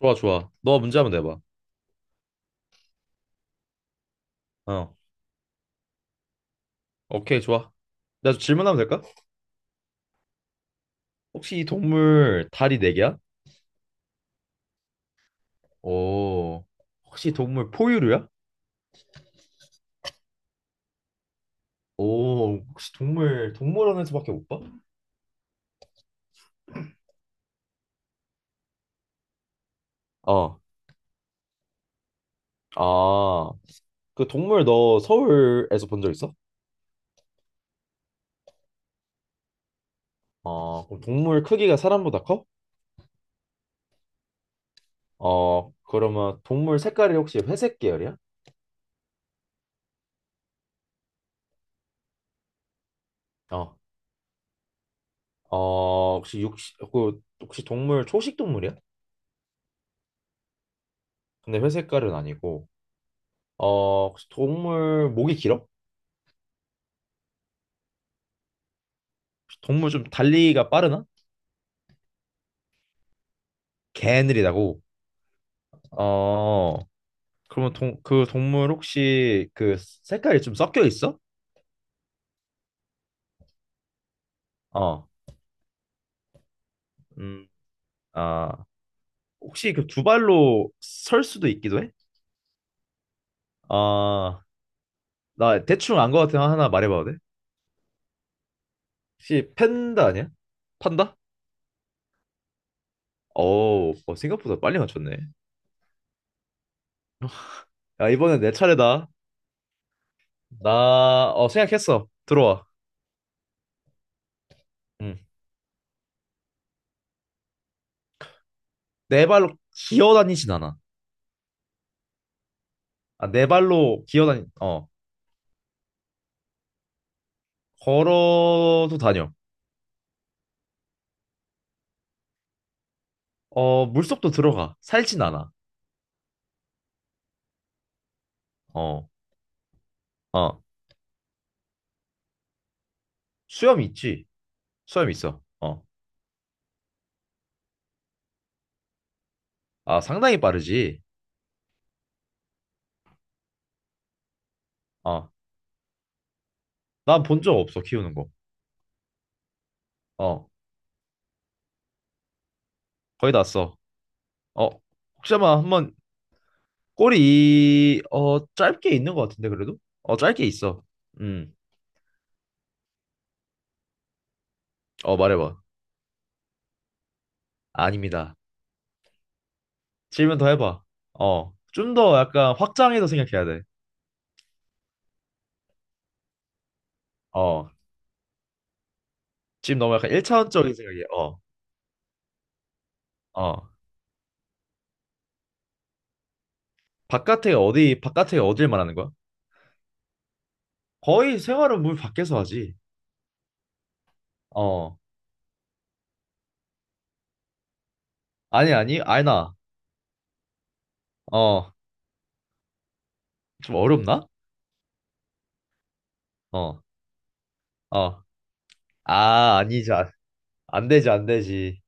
좋아, 좋아. 너 문제 한번 내봐. 어. 오케이, 좋아. 나 질문하면 될까? 혹시 이 동물 다리 네 개야? 오. 혹시 동물 포유류야? 오, 혹시 동물 동물원에서밖에 못 봐? 어. 아, 그 동물 너 서울에서 본 적 있어? 어, 그럼 동물 크기가 사람보다 커? 어, 그러면 동물 색깔이 혹시 회색 계열이야? 어. 어, 혹시 혹시 동물 초식 동물이야? 근데 회색깔은 아니고. 어, 혹시 동물 목이 길어? 동물 좀 달리기가 빠르나? 개느리다고. 어, 그러면 그 동물 혹시 그 색깔이 좀 섞여 있어? 어, 음, 아, 혹시 그 두 발로 설 수도 있기도 해? 아, 나 대충 안 것같은 하나 말해봐도 돼? 혹시 팬다 아니야? 판다? 오, 어, 생각보다 빨리 맞췄네. 야, 이번엔 내 차례다. 나, 어, 생각했어. 들어와. 응. 네 발로 기어 다니진 않아. 아, 어, 걸어도 다녀. 어, 물속도 들어가. 살진 않아. 어, 어. 수염 있지? 수염 있어. 어. 아, 상당히 빠르지? 어. 난 본 적 없어, 키우는 거. 어. 거의 다 써. 어. 혹시나 한번 꼬리, 어, 짧게 있는 것 같은데, 그래도? 어, 짧게 있어. 음. 어, 말해봐. 아닙니다. 질문 더 해봐. 어. 좀 더 약간 확장해서 생각해야 돼. 어. 지금 너무 약간 1차원적인 생각이야. 어. 어. 바깥에 어디, 바깥에 어딜 말하는 거야? 거의 생활은 물 밖에서 하지. 어. 아니, 아니, 아니나. 어. 좀 어렵나? 어. 어. 아, 아니지. 아, 안 되지, 안 되지.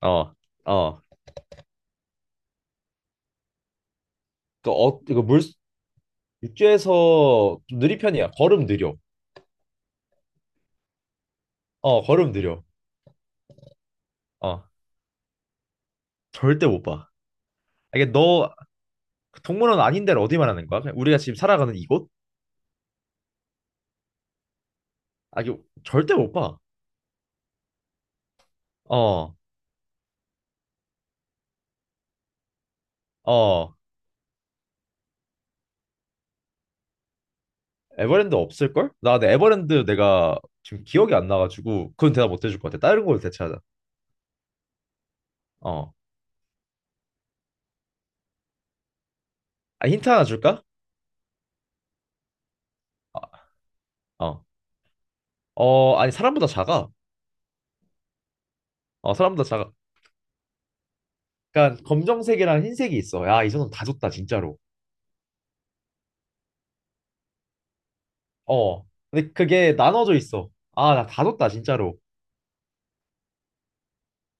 어. 어. 그, 어, 이거 물, 육지에서 좀 느린 편이야. 걸음 느려. 어, 걸음 느려. 어. 절대 못 봐. 아, 이게 너, 동물원 아닌 데를 어디 말하는 거야? 그냥 우리가 지금 살아가는 이곳? 아, 이거 절대 못 봐. 어. 어. 에버랜드 없을걸? 나 근데 에버랜드 내가 지금 기억이 안 나가지고, 그건 대답 못 해줄 것 같아. 다른 걸로 대체하자. 어. 아, 힌트 하나 줄까? 어. 어. 어, 아니, 사람보다 작아. 어, 사람보다 작아. 그러니까 검정색이랑 흰색이 있어. 야, 이 정도면 다 줬다, 진짜로. 어. 근데 그게 나눠져 있어. 아, 나 다 줬다, 진짜로.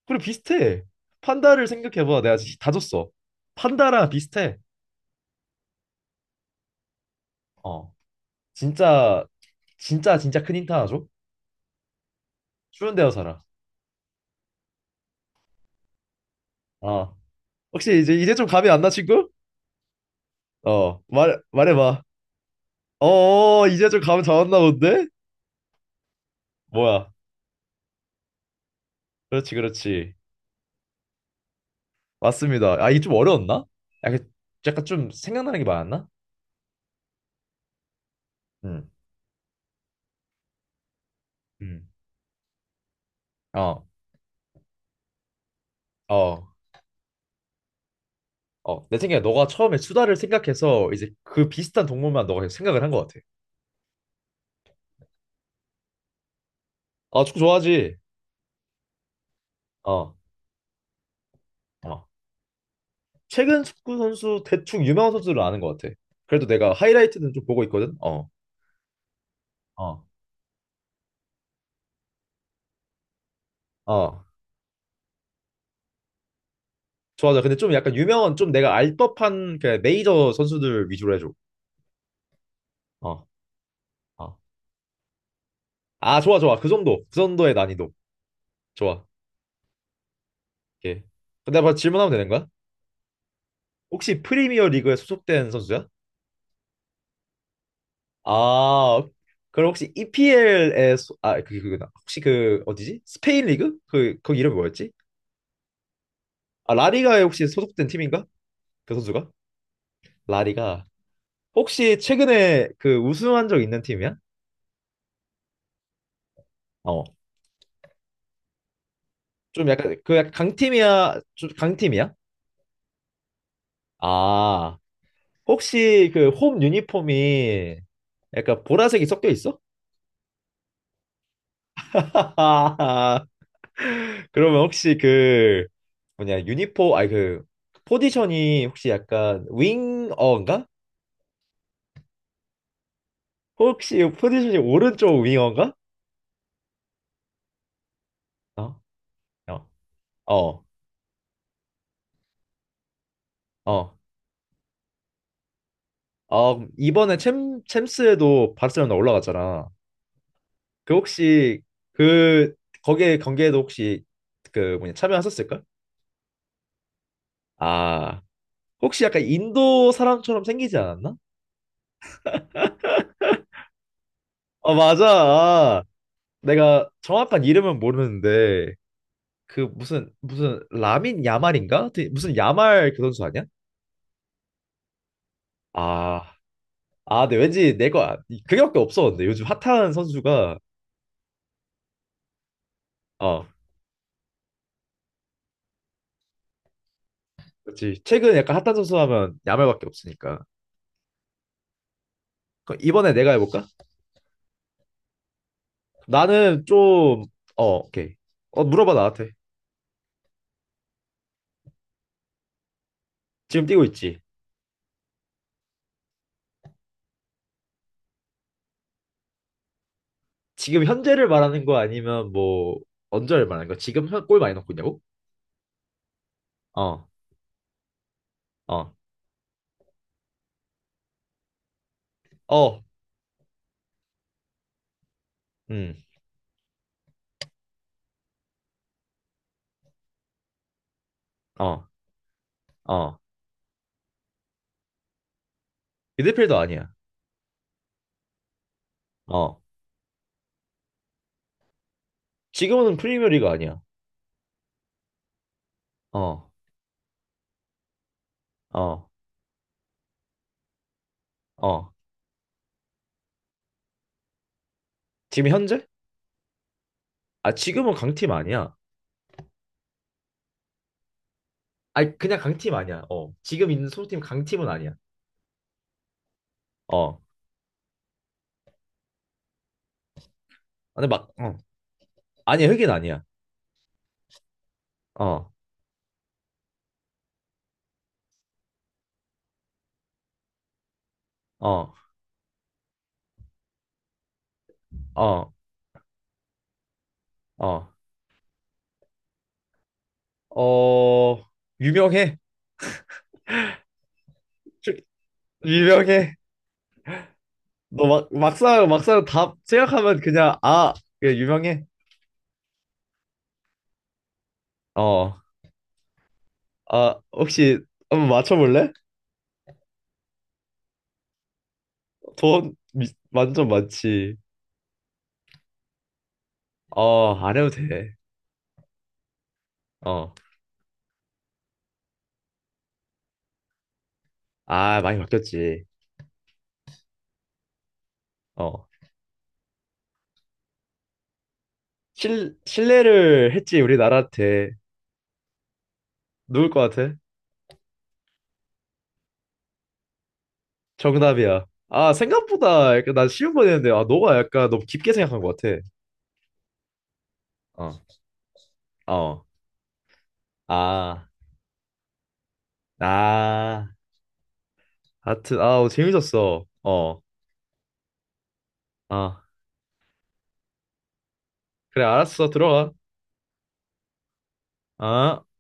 그리고 비슷해. 판다를 생각해봐. 내가 진짜 다 줬어. 판다랑 비슷해. 어. 진짜, 진짜, 진짜 큰 힌트 하나 줘? 추운 데서 살아. 어. 혹시 이제 좀 감이 안 나, 친구? 어. 말해봐. 어, 어, 어, 이제 좀 감 잡았나 본데? 뭐야. 그렇지, 그렇지. 맞습니다. 아, 이게 좀 어려웠나? 약간, 약간 좀 생각나는 게 많았나? 음. 음. 어, 어, 어. 내 생각에 너가 처음에 수다를 생각해서 이제 그 비슷한 동물만 너가 생각을 한 것 같아. 아, 축구 좋아하지? 어, 어. 최근 축구 선수 대충 유명한 선수를 아는 것 같아. 그래도 내가 하이라이트는 좀 보고 있거든. 어, 어, 어. 좋아, 좋아. 근데 좀 약간 유명한, 좀 내가 알 법한 그 메이저 선수들 위주로 해줘. 어, 어. 아, 좋아, 좋아. 그 정도, 그 정도의 난이도. 좋아. 오케이. 근데 바로 질문하면 되는 거야? 혹시 프리미어 리그에 소속된 선수야? 아, 그럼 혹시 아, 그게 그거나. 혹시 그 어디지? 스페인 리그? 그 거기 이름이 뭐였지? 아, 라리가에 혹시 소속된 팀인가? 그 선수가? 라리가. 혹시 최근에 그 우승한 적 있는 팀이야? 어. 좀 약간 그 약간 강팀이야? 좀 강팀이야? 아. 혹시 그 홈 유니폼이 약간 보라색이 섞여 있어? 그러면 혹시 그 뭐냐 유니포 아니 그 포지션이 혹시 약간 윙어인가? 혹시 포지션이 오른쪽 윙어인가? 어? 어. 어. 어. 어, 이번에 챔 챔스에도 바르셀로나 올라갔잖아. 그 혹시 그 거기에 경기에도 혹시 그 뭐냐 참여하셨을까? 아. 혹시 약간 인도 사람처럼 생기지 않았나? 어, 맞아. 아, 내가 정확한 이름은 모르는데 그 무슨 라민 야말인가? 되게 무슨 야말 그 선수 아니야? 아, 아, 근데 왠지 내가 그게밖에 없어. 근데 요즘 핫한 선수가 어, 그렇지. 최근 약간 핫한 선수 하면 야말밖에 없으니까. 그럼 이번에 내가 해볼까? 나는 좀 어, 오케이. 어, 물어봐 나한테. 지금 뛰고 있지? 지금 현재를 말하는 거 아니면 뭐 언제를 말하는 거? 지금 골 많이 넣고 있냐고? 어, 어, 어, 음, 어, 어. 미드필더 아니야. 어. 지금은 프리미어리가 아니야. 어. 어, 어. 지금 현재? 아, 지금은 강팀 아니야. 아니, 그냥 강팀 아니야. 어. 지금 있는 소속팀 강팀은 아니야. 어. 아, 근데 막, 어. 아니야, 흑인 아니야. 어, 어, 어, 어. 어, 유명해. 주- 유명해. 너 막, 막상, 막상 답 생각하면 그냥, 아, 그냥 유명해. 어. 아, 혹시 한번 맞춰볼래? 돈 완전 많지. 어, 안 해도 돼. 어. 아, 많이 바뀌었지. 어. 실례를 했지, 우리나라한테. 누굴 것 같아? 정답이야. 아, 생각보다 약간 난 쉬운 거 했는데, 아, 너가 약간 너무 깊게 생각한 것 같아. 어, 어. 아, 아. 하여튼, 아, 재밌었어. 어, 아. 그래, 알았어. 들어가. 아.